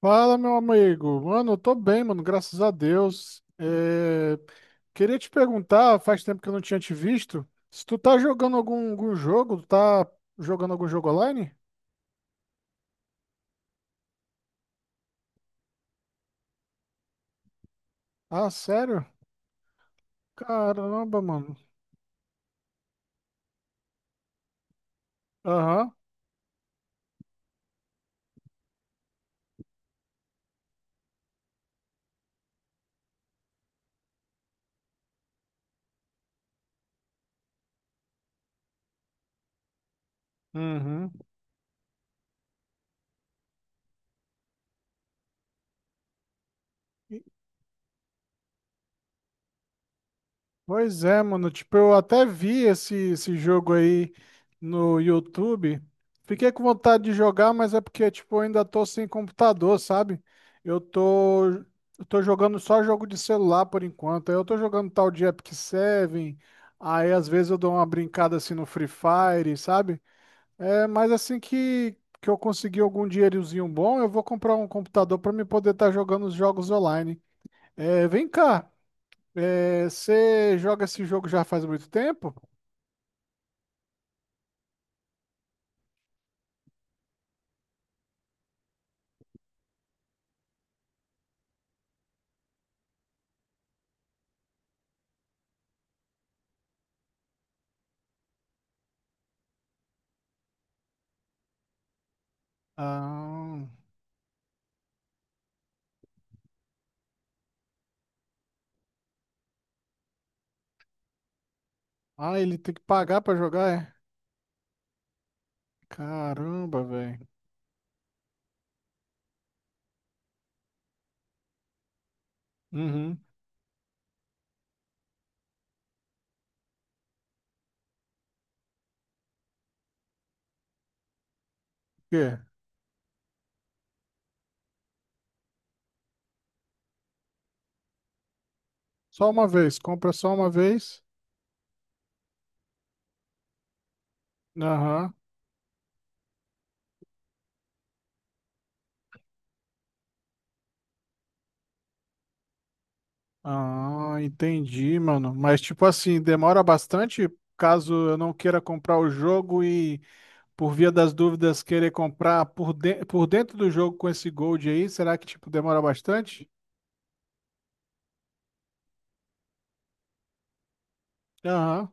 Fala, meu amigo. Mano, eu tô bem, mano, graças a Deus. Queria te perguntar, faz tempo que eu não tinha te visto, se tu tá jogando algum jogo, tá jogando algum jogo online? Ah, sério? Caramba, mano. Aham. Uhum. Pois é, mano. Tipo, eu até vi esse jogo aí no YouTube. Fiquei com vontade de jogar, mas é porque, tipo, eu ainda tô sem computador, sabe? Eu tô, eu tô jogando só jogo de celular por enquanto. Aí eu tô jogando tal de Epic Seven. Aí, às vezes, eu dou uma brincada assim no Free Fire, sabe? É, mas assim que eu conseguir algum dinheirozinho bom, eu vou comprar um computador pra me poder estar jogando os jogos online. É, vem cá. É, você joga esse jogo já faz muito tempo? Ah, ah, ele tem que pagar pra jogar, é? Caramba, velho. Uhum. O quê? Só uma vez, compra só uma vez? Aham. Ah, entendi, mano. Mas tipo assim, demora bastante caso eu não queira comprar o jogo e por via das dúvidas querer comprar por dentro do jogo com esse Gold aí, será que tipo demora bastante? Aham.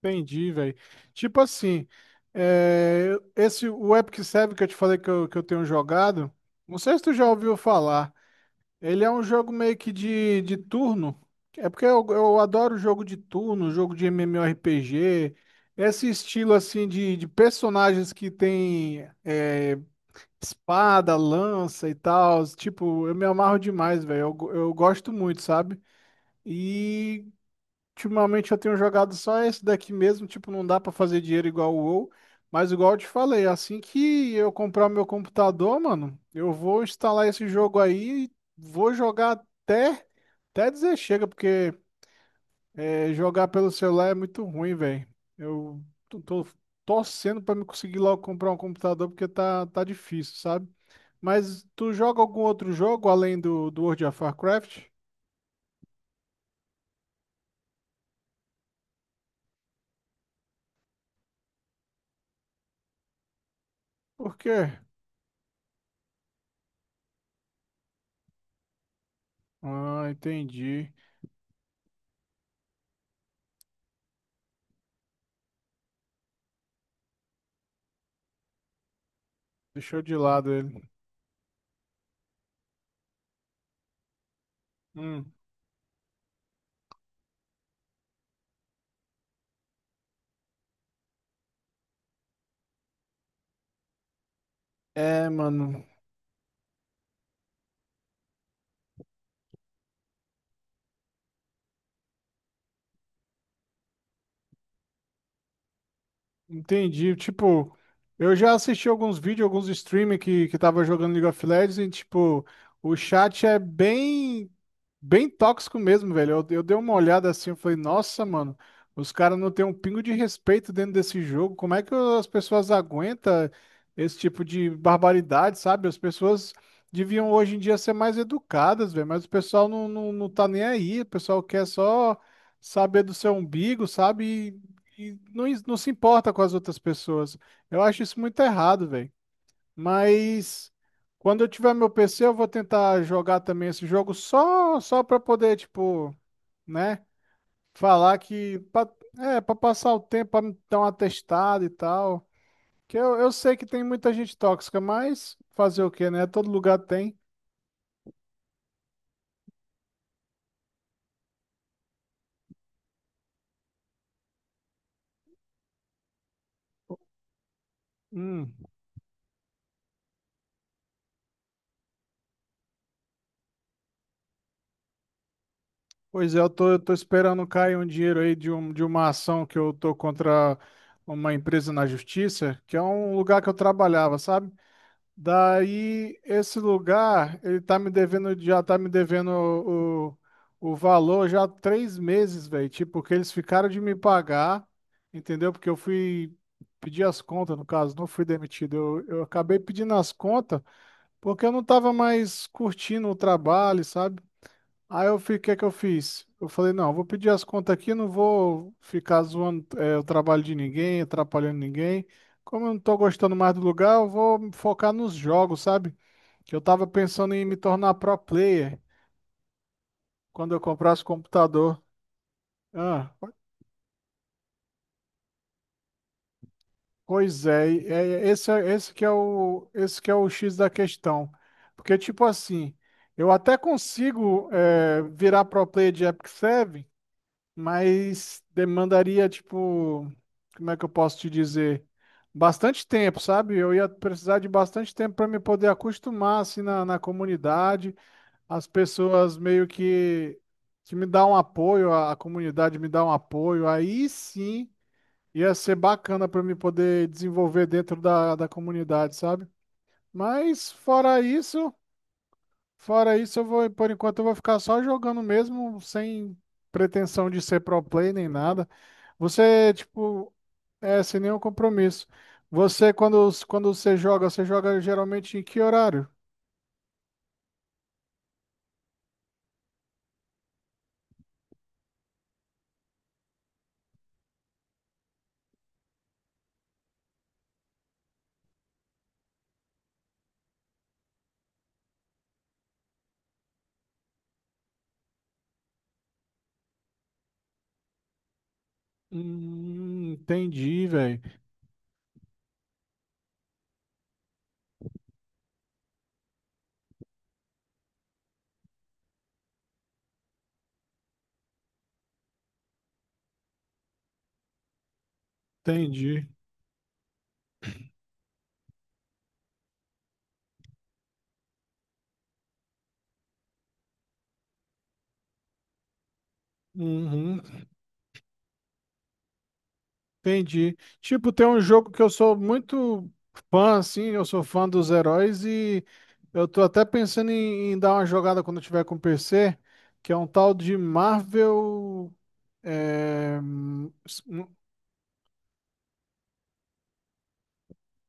Entendi, velho. Tipo assim, é, esse o Epic Seven que eu te falei que eu tenho jogado, não sei se tu já ouviu falar. Ele é um jogo meio que de turno. É porque eu adoro jogo de turno, jogo de MMORPG, esse estilo assim de personagens que tem é, espada, lança e tal. Tipo, eu me amarro demais, velho. Eu gosto muito, sabe? E ultimamente eu tenho jogado só esse daqui mesmo, tipo, não dá pra fazer dinheiro igual o WoW, mas igual eu te falei, assim que eu comprar meu computador, mano, eu vou instalar esse jogo aí e vou jogar até, até dizer chega, porque é, jogar pelo celular é muito ruim, velho. Eu tô torcendo pra me conseguir logo comprar um computador, porque tá difícil, sabe? Mas tu joga algum outro jogo além do World of Warcraft? Por quê? Ah, entendi. Deixou de lado ele. Hum. É, mano, entendi. Tipo, eu já assisti alguns vídeos, alguns streamers que tava jogando League of Legends e, tipo, o chat é bem tóxico mesmo, velho. Eu dei uma olhada assim, eu falei, nossa, mano, os caras não têm um pingo de respeito dentro desse jogo. Como é que as pessoas aguentam esse tipo de barbaridade, sabe? As pessoas deviam hoje em dia ser mais educadas, velho, mas o pessoal não tá nem aí. O pessoal quer só saber do seu umbigo, sabe? Não se importa com as outras pessoas. Eu acho isso muito errado, velho. Mas quando eu tiver meu PC, eu vou tentar jogar também esse jogo só para poder, tipo, né, falar que pa- é para passar o tempo, para me dar uma testada e tal. Que eu sei que tem muita gente tóxica, mas fazer o quê, né? Todo lugar tem. Hum, pois é, eu tô esperando cair um dinheiro aí de uma ação que eu tô contra uma empresa na justiça, que é um lugar que eu trabalhava, sabe? Daí, esse lugar, ele tá me devendo, já tá me devendo o valor já há três meses, velho. Tipo, porque eles ficaram de me pagar, entendeu? Porque eu fui pedir as contas, no caso, não fui demitido. Eu acabei pedindo as contas porque eu não tava mais curtindo o trabalho, sabe? Aí eu fiquei, o que é que eu fiz? Eu falei, não, eu vou pedir as contas aqui, não vou ficar zoando é, o trabalho de ninguém, atrapalhando ninguém. Como eu não tô gostando mais do lugar, eu vou me focar nos jogos, sabe? Que eu tava pensando em me tornar pro player quando eu comprasse o computador. Ah, pois é, esse que é esse que é o X da questão. Porque, tipo assim, eu até consigo é, virar pro player de Epic Seven, mas demandaria, tipo, como é que eu posso te dizer? Bastante tempo, sabe? Eu ia precisar de bastante tempo para me poder acostumar assim na comunidade, as pessoas meio que me dão um apoio, a comunidade me dá um apoio, aí sim ia ser bacana para me poder desenvolver dentro da comunidade, sabe? Mas fora isso, eu vou, por enquanto eu vou ficar só jogando mesmo, sem pretensão de ser pro play nem nada. Você, tipo, é sem nenhum compromisso. Você, quando você joga geralmente em que horário? Entendi, velho. Entendi. Uhum, entendi. Tipo, tem um jogo que eu sou muito fã, assim, eu sou fã dos heróis e eu tô até pensando em dar uma jogada quando eu tiver com o PC, que é um tal de Marvel. É,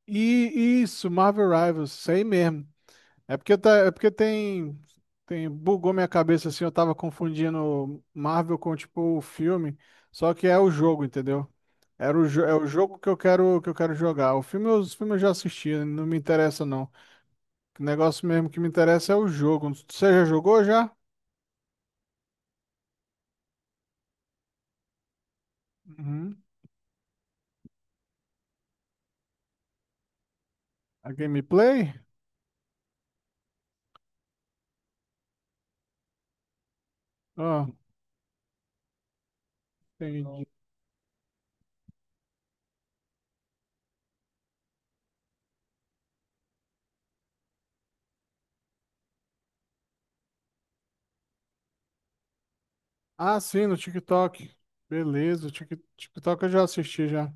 e isso, Marvel Rivals, sei mesmo. É porque, tá, é porque tem. Bugou minha cabeça assim, eu tava confundindo Marvel com tipo o filme, só que é o jogo, entendeu? Era é o jogo que eu quero jogar. O filme, os filmes eu já assisti, não me interessa não. O negócio mesmo que me interessa é o jogo. Você já jogou já? Uhum. A gameplay? Ah, entendi. Ah, sim, no TikTok. Beleza, o TikTok eu já assisti já.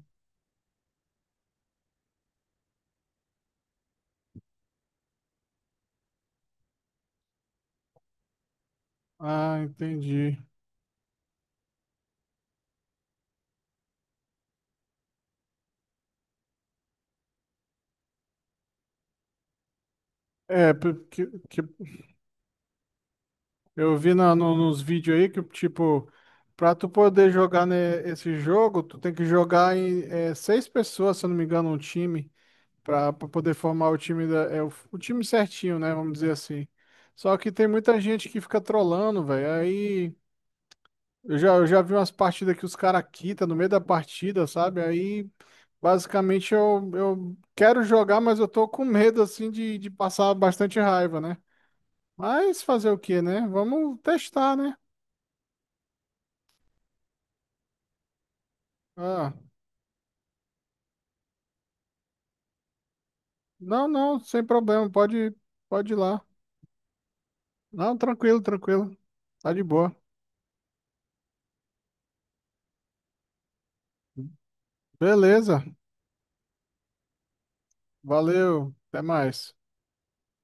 Ah, entendi. É, porque eu vi nos vídeos aí que, tipo, pra tu poder jogar né, esse jogo, tu tem que jogar em é, seis pessoas, se eu não me engano, um time, pra poder formar o time o time certinho, né? Vamos dizer assim. Só que tem muita gente que fica trolando, velho. Aí eu já vi umas partidas que os caras quitam no meio da partida, sabe? Aí basicamente eu quero jogar, mas eu tô com medo, assim, de passar bastante raiva, né? Mas fazer o quê, né? Vamos testar, né? Ah. Não, não, sem problema. Pode, pode ir lá. Não, tranquilo, tranquilo. Tá de boa. Beleza. Valeu. Até mais.